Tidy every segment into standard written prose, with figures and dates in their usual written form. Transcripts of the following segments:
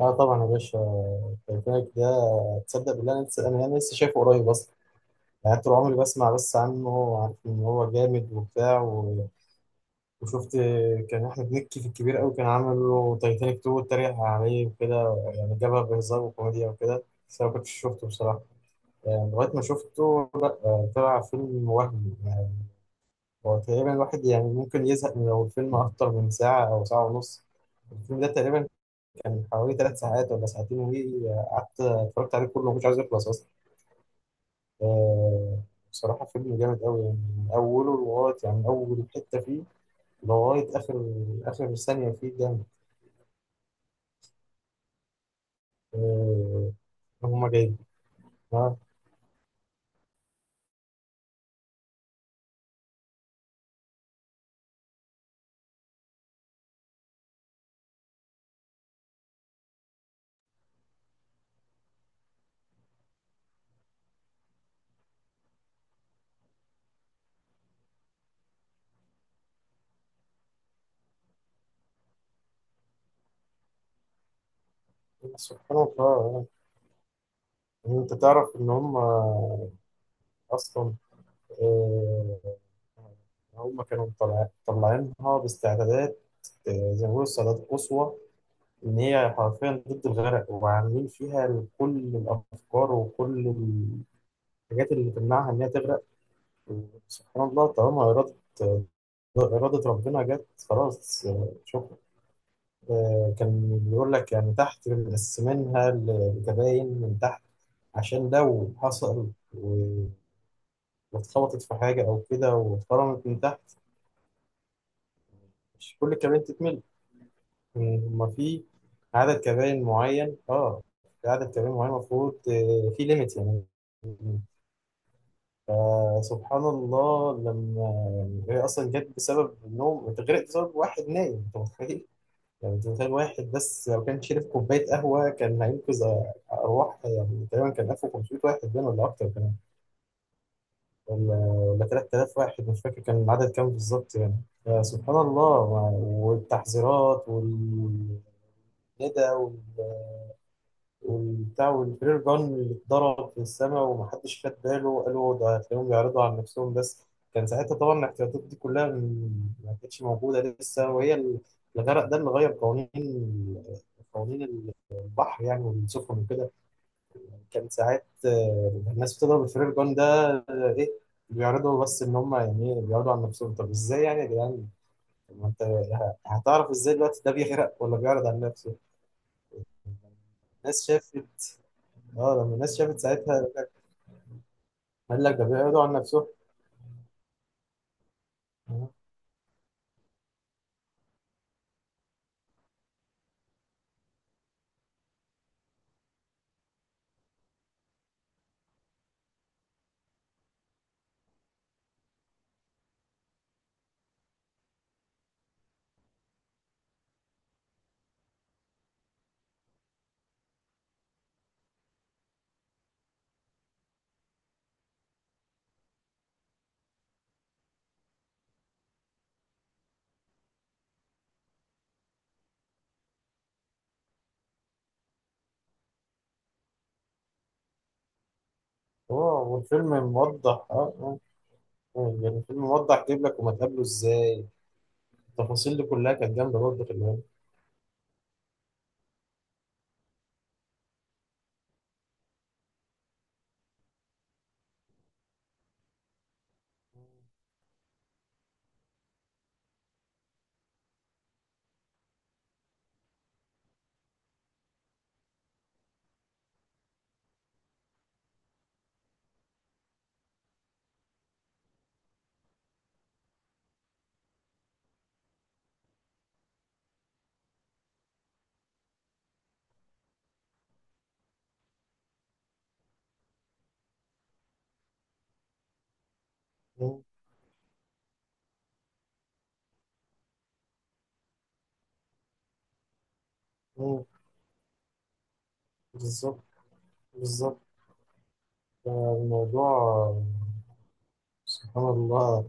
اه، طبعا يا باشا. تايتانيك ده، تصدق بالله انا لسه انا أنا لسه شايفه قريب اصلا. يعني طول عمري بسمع بس عنه وعارف ان هو جامد وبتاع و... وشفت كان احمد مكي في الكبير قوي كان عامل له تايتانيك 2 واتريق عليه وكده. يعني جابها بهزار وكوميديا وكده. بس انا ما كنتش شفته بصراحه، يعني لغايه ما شفته، طلع فيلم وهمي يعني. هو تقريبا الواحد يعني ممكن يزهق من لو الفيلم اكتر من ساعه او ساعه ونص. الفيلم ده تقريبا كان حوالي 3 ساعات ولا ساعتين قعدت اتفرجت عليه كله، مش عايز يخلص اصلا. آه، بصراحة فيلم جامد قوي، يعني من أوله لغاية يعني من أول حتة فيه لغاية آخر ثانية فيه جامد. آه، هما جايين. آه، سبحان الله. يعني أنت تعرف إن هما أصلا آه، هما كانوا مطلعينها باستعدادات، زي ما بيقولوا استعدادات قصوى، إن هي حرفيا ضد الغرق، وعاملين فيها كل الأفكار وكل الحاجات اللي تمنعها إنها تغرق. وسبحان الله، طالما إرادة ربنا جت خلاص. آه، شكرا. كان بيقول لك يعني تحت مقسمينها لكباين من تحت، عشان لو حصل واتخبطت في حاجة أو كده واتخرمت من تحت، مش كل الكباين تتملي. هما في عدد كباين معين، اه، في عدد كباين معين المفروض، في ليميت يعني. فسبحان الله، لما يعني هي اصلا جت بسبب النوم، اتغرقت بسبب واحد نايم. انت متخيل؟ يعني انت متخيل واحد بس لو كان شرب كوبايه قهوه كان هينقذ ارواح. يعني تقريبا كان 1500 واحد بين ولا اكتر كمان، ولا 3000 واحد، مش فاكر كان العدد كام بالظبط يعني. فسبحان الله، والتحذيرات والندى والبتاع والفرير جان اللي اتضرب في السماء ومحدش خد باله، قالوا ده هتلاقيهم بيعرضوا عن نفسهم بس. كان ساعتها طبعا الاحتياطات دي كلها ما كانتش موجودة لسه، وهي الغرق ده اللي غير قوانين البحر يعني والسفن وكده. كان ساعات، الناس بتضرب الفرير جان ده، آه، ايه، بيعرضوا بس ان هم، يعني إيه، بيعرضوا عن نفسهم. طب ازاي يعني يا جدعان؟ طب ما انت هتعرف ازاي دلوقتي ده بيغرق ولا بيعرض عن نفسه؟ الناس شافت اه لما الناس شافت ساعتها، قال لك ده بيعرضوا عن نفسه. اه، والفيلم موضح، اه، اه، يعني الفيلم موضح، جايب لك هما اتقابلوا ازاي، التفاصيل دي كلها كانت جامده برضه في الهند. بالظبط بالظبط. آه، الموضوع، سبحان الله،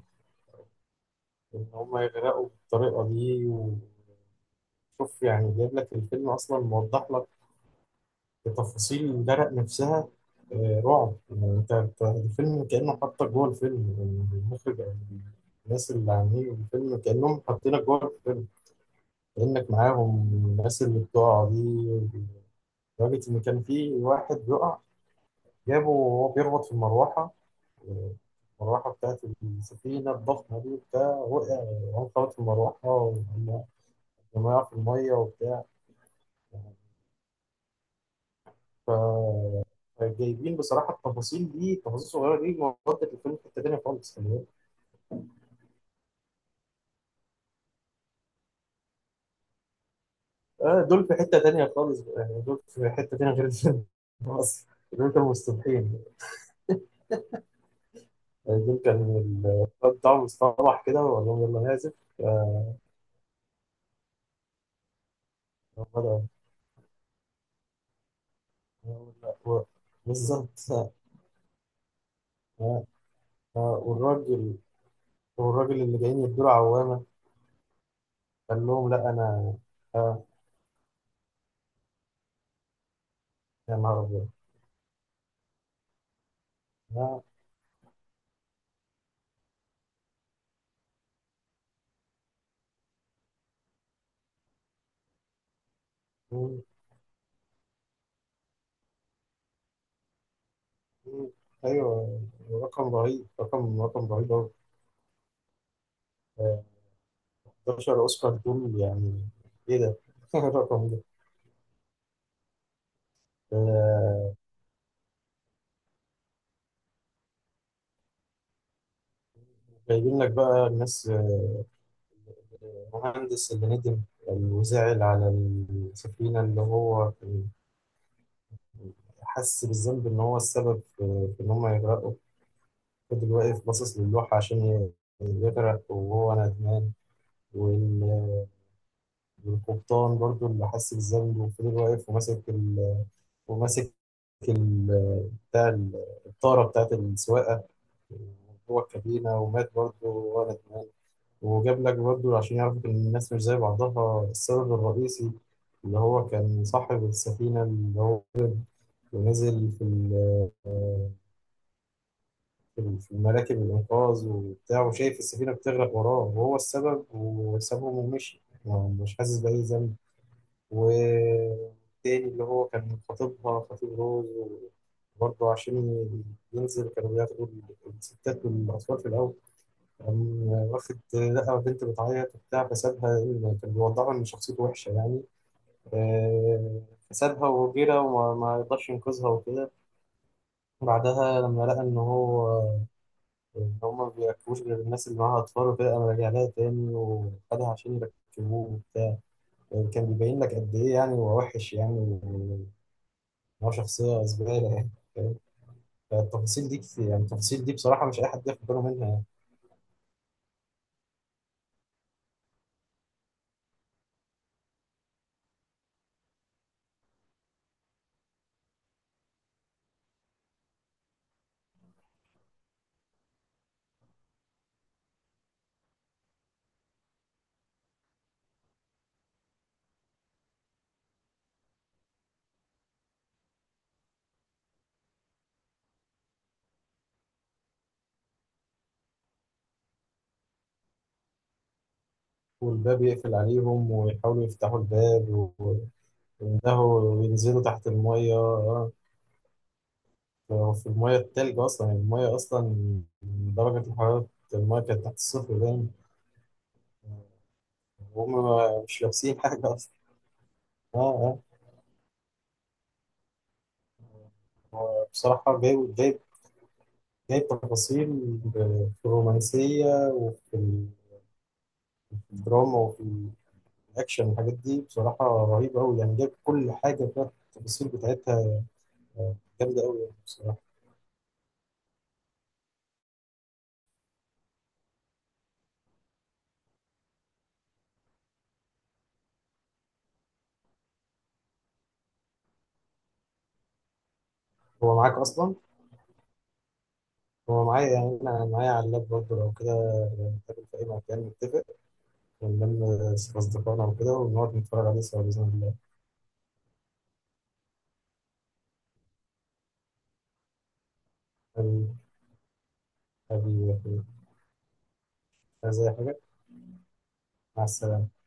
ان هما يغرقوا بالطريقه دي. وشوف يعني جايب لك الفيلم اصلا موضح لك بتفاصيل درق نفسها. آه، رعب يعني، أنت الفيلم كأنه حاطك جوه الفيلم يعني، المخرج أو الناس اللي عاملين الفيلم كأنهم حاطينك جوه الفيلم، كأنك معاهم. الناس اللي بتقع دي، لدرجة إن كان في واحد بيقع جابه وهو بيربط في المروحة. آه، المروحة بتاعت السفينة الضخمة دي، بتاع وقع، وقع في المروحة، ولما وقع في المية وبتاع. جايبين بصراحه التفاصيل دي، التفاصيل الصغيره دي ودت الفيلم في حته تانيه خالص يعني. آه، دول في حته تانيه خالص يعني، دول في حته تانيه غير الفيلم. اصلا دول كانوا مستبحين. آه، دول كان الواد بتاعهم مستوحش كده وقال لهم يلا نعزف. بدأ. بالظبط. آه، آه، والراجل والراجل اللي جايين يدوا عوامه، قال لهم لا انا. آه. يا نهار ابيض. آه، مم، مم، ايوه. رقم رهيب أوي. آه، 11 اوسكار دول يعني. ايه ده؟ الرقم ده. آه، جايبين لك بقى الناس، المهندس اللي ندم يعني وزعل على السفينة، اللي هو كان حس بالذنب إن هو السبب في إن هم يغرقوا. فضل واقف باصص للوحة عشان يغرق وهو ندمان. وال- والقبطان برضو اللي حس بالذنب، وفضل واقف وماسك وماسك ال... بتاع الطارة بتاعت السواقة جوه الكابينة، ومات برضه ورا دماغه. وجاب لك برضه عشان يعرف إن الناس مش زي بعضها، السبب الرئيسي اللي هو كان صاحب السفينة، اللي هو ونزل في في مراكب الإنقاذ وبتاع، وشايف السفينة بتغرق وراه وهو السبب، وسابهم ومشي يعني، مش حاسس بأي ذنب. والتاني اللي هو كان خطيبها، خطيب روز، برضه عشان ينزل، كانوا بياخدوا الستات والأطفال في الأول، كان واخد لقى بنت بتعيط وبتاع فسابها، لأن كان بيوضحها إن شخصيته وحشة يعني. آه، فسابها وجرى وما ما يقدرش ينقذها وكده. بعدها لما لقى إن هما ما بيركبوش غير الناس اللي معاها أطفال وكده، قام راجع لها تاني وخدها عشان يركبوه وبتاع. آه، كان بيبين لك قد إيه يعني هو وحش يعني، وإن هو شخصية زبالة يعني. فاهم؟ فالتفاصيل دي كتير يعني، التفاصيل دي بصراحة مش أي حد ياخد باله منها يعني. والباب يقفل عليهم ويحاولوا يفتحوا الباب، ده بينزلوا تحت المية. هو في المية التلج أصلا يعني، المية أصلا درجة الحرارة، المية كانت تحت الصفر دايما، وهم مش لابسين حاجة أصلا. آه آه هو بصراحة جايب تفاصيل في الرومانسية وفي الدراما وفي الأكشن، والحاجات دي بصراحة رهيبة أوي يعني، جايب كل حاجة فيها التفاصيل بتاعتها، جامدة أوي يعني بصراحة. هو معاك أصلا؟ هو معايا، يعني أنا معايا على اللاب برضه، لو كده نتقابل في أي مكان نتفق ونلم أصدقائنا وكده، ونقعد نتفرج عليه سوا بإذن الله. حبيبي، حبيبي يا أخويا. عايز أي حاجة؟ مع السلامة.